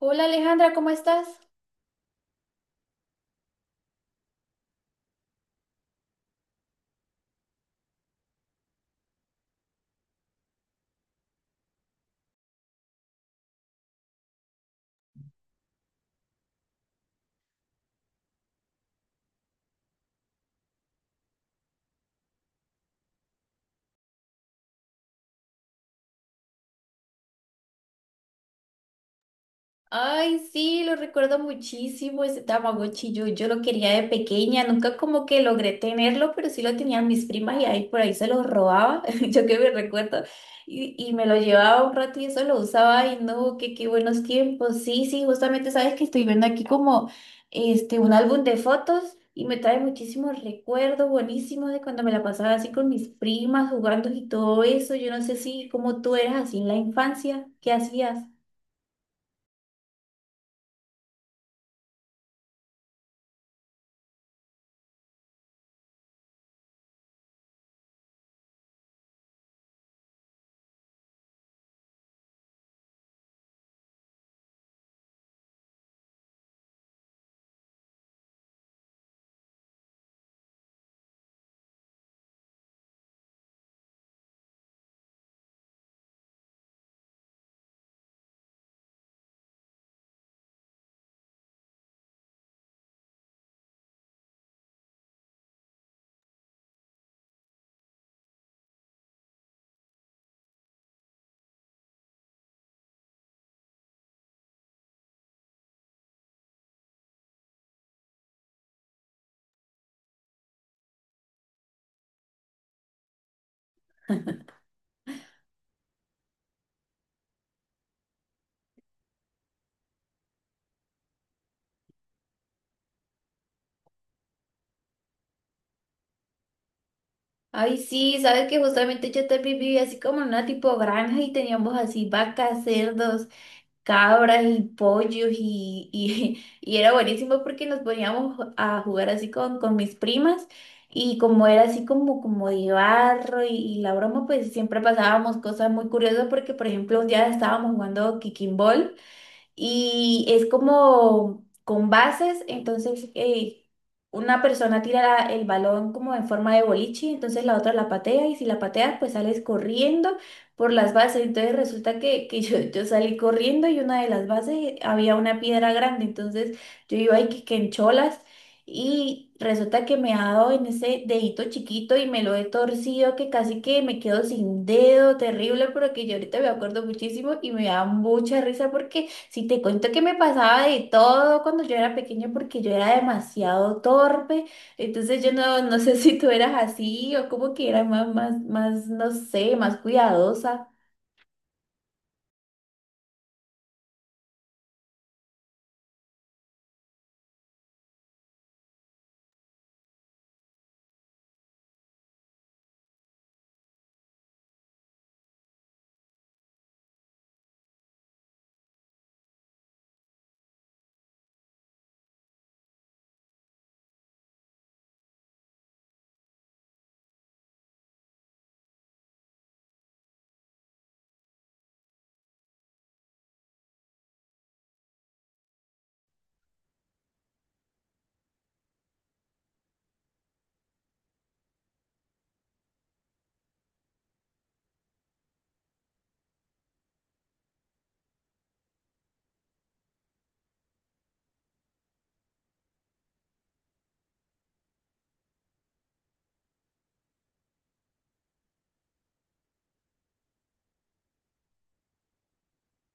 Hola Alejandra, ¿cómo estás? Ay, sí, lo recuerdo muchísimo, ese Tamagotchi. Yo lo quería de pequeña, nunca como que logré tenerlo, pero sí lo tenían mis primas y ahí por ahí se lo robaba, yo que me recuerdo, y me lo llevaba un rato y eso lo usaba. Y no, qué buenos tiempos. Sí, sí, justamente sabes que estoy viendo aquí como este un álbum de fotos y me trae muchísimos recuerdos buenísimos de cuando me la pasaba así con mis primas jugando y todo eso. Yo no sé si como tú eras así en la infancia, ¿qué hacías? Ay, sí, sabes que justamente yo también vivía así como en una tipo granja y teníamos así vacas, cerdos, cabras y pollos y era buenísimo porque nos poníamos a jugar así con mis primas y como era así como, como de barro y la broma, pues siempre pasábamos cosas muy curiosas porque, por ejemplo, un día estábamos jugando kicking ball y es como con bases, entonces una persona tira el balón como en forma de boliche, entonces la otra la patea y si la pateas pues sales corriendo por las bases, entonces resulta que yo salí corriendo y una de las bases había una piedra grande, entonces yo iba ahí que en cholas y resulta que me ha dado en ese dedito chiquito y me lo he torcido que casi que me quedo sin dedo, terrible, pero que yo ahorita me acuerdo muchísimo y me da mucha risa porque si te cuento que me pasaba de todo cuando yo era pequeña porque yo era demasiado torpe, entonces yo no, no sé si tú eras así o como que era más, no sé, más cuidadosa.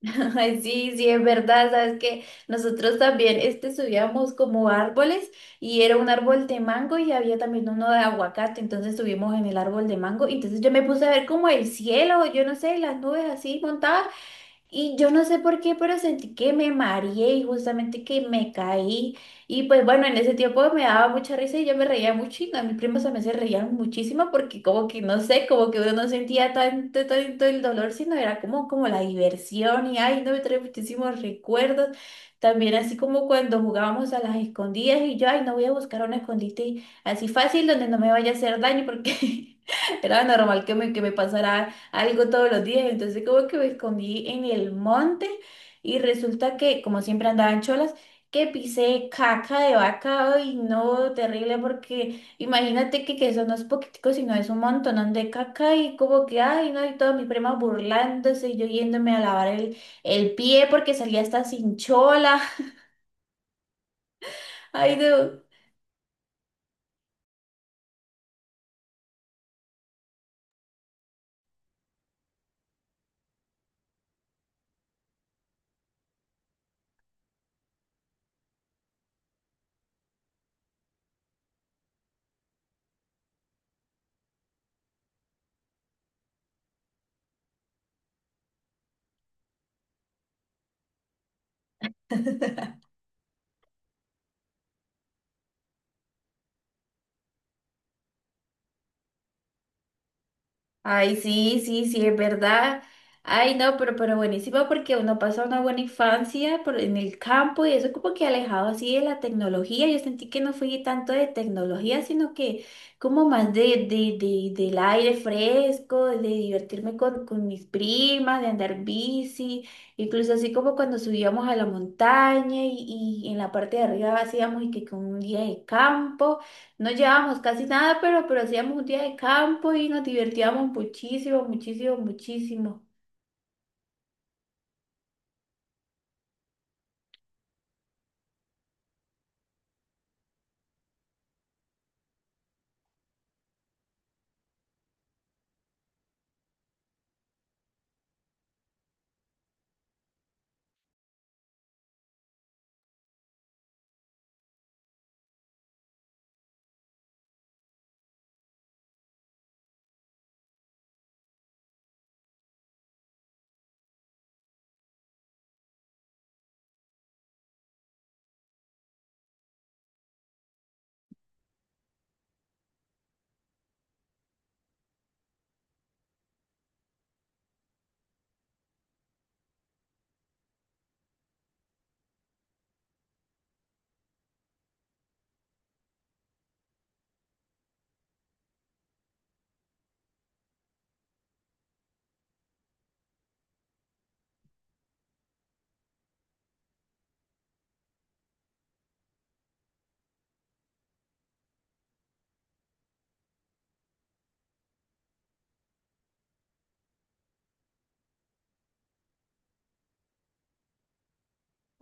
Ay, sí, sí, es verdad, sabes que nosotros también subíamos como árboles y era un árbol de mango y había también uno de aguacate, entonces subimos en el árbol de mango, entonces yo me puse a ver como el cielo, yo no sé, las nubes así montadas. Y yo no sé por qué, pero sentí que me mareé y justamente que me caí. Y pues bueno, en ese tiempo me daba mucha risa y yo me reía mucho y a mis primos también se reían muchísimo porque como que no sé, como que uno no sentía tanto, tanto el dolor, sino era como, como la diversión y ay, no me trae muchísimos recuerdos. También así como cuando jugábamos a las escondidas y yo, ay, no voy a buscar un escondite así fácil donde no me vaya a hacer daño porque era normal que me pasara algo todos los días. Entonces como que me escondí en el monte y resulta que, como siempre andaba en cholas, que pisé caca de vaca y no, terrible porque imagínate que eso no es poquitico, sino es un montón de caca y como que, ay, no, y todos mis primas burlándose y yo yéndome a lavar el pie porque salía hasta sin chola. Ay, no. Ay, sí, sí, sí, es verdad. Ay, no, pero buenísimo porque uno pasa una buena infancia por- en el campo y eso como que alejado así de la tecnología. Yo sentí que no fui tanto de tecnología, sino que como más del aire fresco, de divertirme con mis primas, de andar bici, incluso así como cuando subíamos a la montaña y en la parte de arriba hacíamos y que con un día de campo. No llevábamos casi nada, pero hacíamos un día de campo y nos divertíamos muchísimo, muchísimo, muchísimo.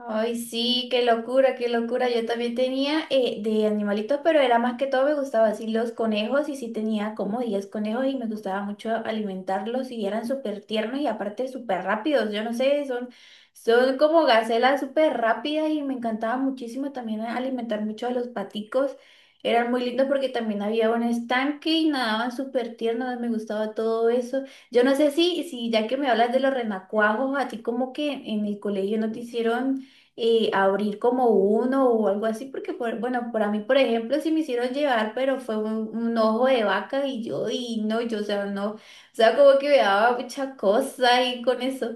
Ay, sí, qué locura, qué locura. Yo también tenía de animalitos, pero era más que todo me gustaba así los conejos y sí tenía como 10 conejos y me gustaba mucho alimentarlos y eran súper tiernos y aparte súper rápidos. Yo no sé, son, son como gacelas súper rápidas y me encantaba muchísimo también alimentar mucho a los paticos. Eran muy lindos porque también había un estanque y nadaban súper tiernos, me gustaba todo eso. Yo no sé si, si ya que me hablas de los renacuajos, a ti como que en el colegio no te hicieron y abrir como uno o algo así, porque por- bueno, para mí, por ejemplo, sí me hicieron llevar, pero fue un ojo de vaca y yo, y no, yo, o sea, no, o sea, como que me daba mucha cosa y con eso,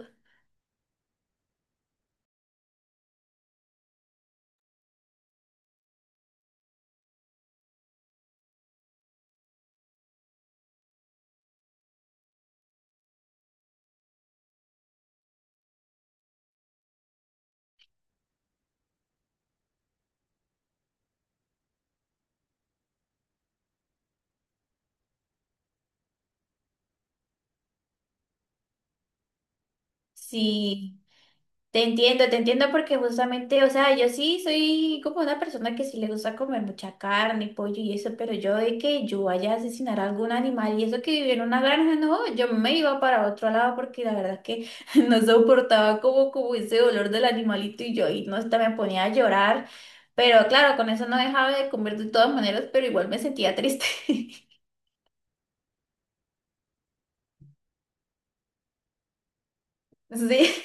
sí. Te entiendo porque justamente, o sea, yo sí soy como una persona que sí le gusta comer mucha carne, y pollo y eso, pero yo de que yo vaya a asesinar a algún animal y eso que vivía en una granja, no, yo me iba para otro lado porque la verdad que no soportaba como, como ese olor del animalito y yo ahí no hasta me ponía a llorar, pero claro, con eso no dejaba de comer de todas maneras, pero igual me sentía triste. Sí.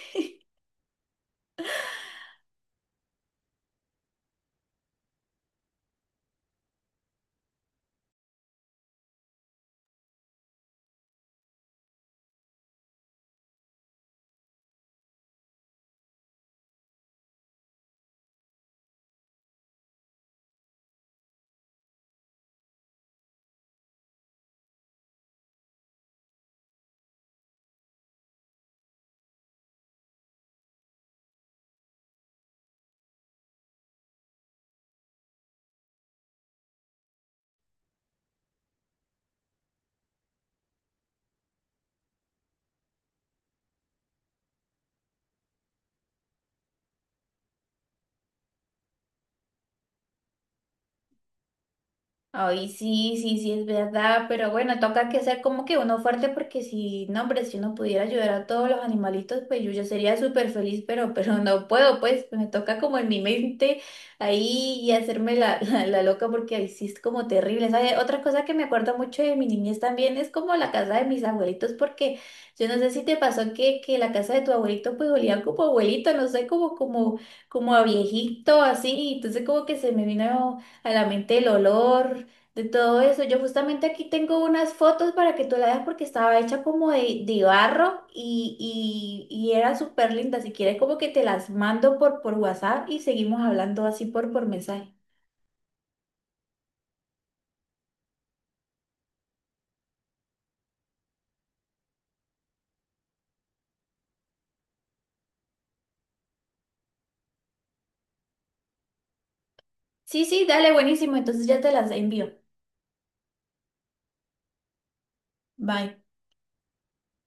Ay, sí, sí, sí, es verdad, pero bueno, toca que ser como que uno fuerte porque si, no, hombre, si uno pudiera ayudar a todos los animalitos, pues yo ya sería súper feliz, pero, pero no puedo, pues me toca como en mi mente ahí y hacerme la loca porque ahí sí es como terrible, ¿sabes? Otra cosa que me acuerdo mucho de mi niñez también es como la casa de mis abuelitos, porque yo no sé si te pasó que la casa de tu abuelito pues olía como abuelito, no sé, como, como a viejito, así, entonces como que se me vino a la mente el olor, de todo eso. Yo justamente aquí tengo unas fotos para que tú la veas porque estaba hecha como de barro y era súper linda. Si quieres como que te las mando por WhatsApp y seguimos hablando así por mensaje. Sí, sí, dale, buenísimo. Entonces ya te las envío. Bye.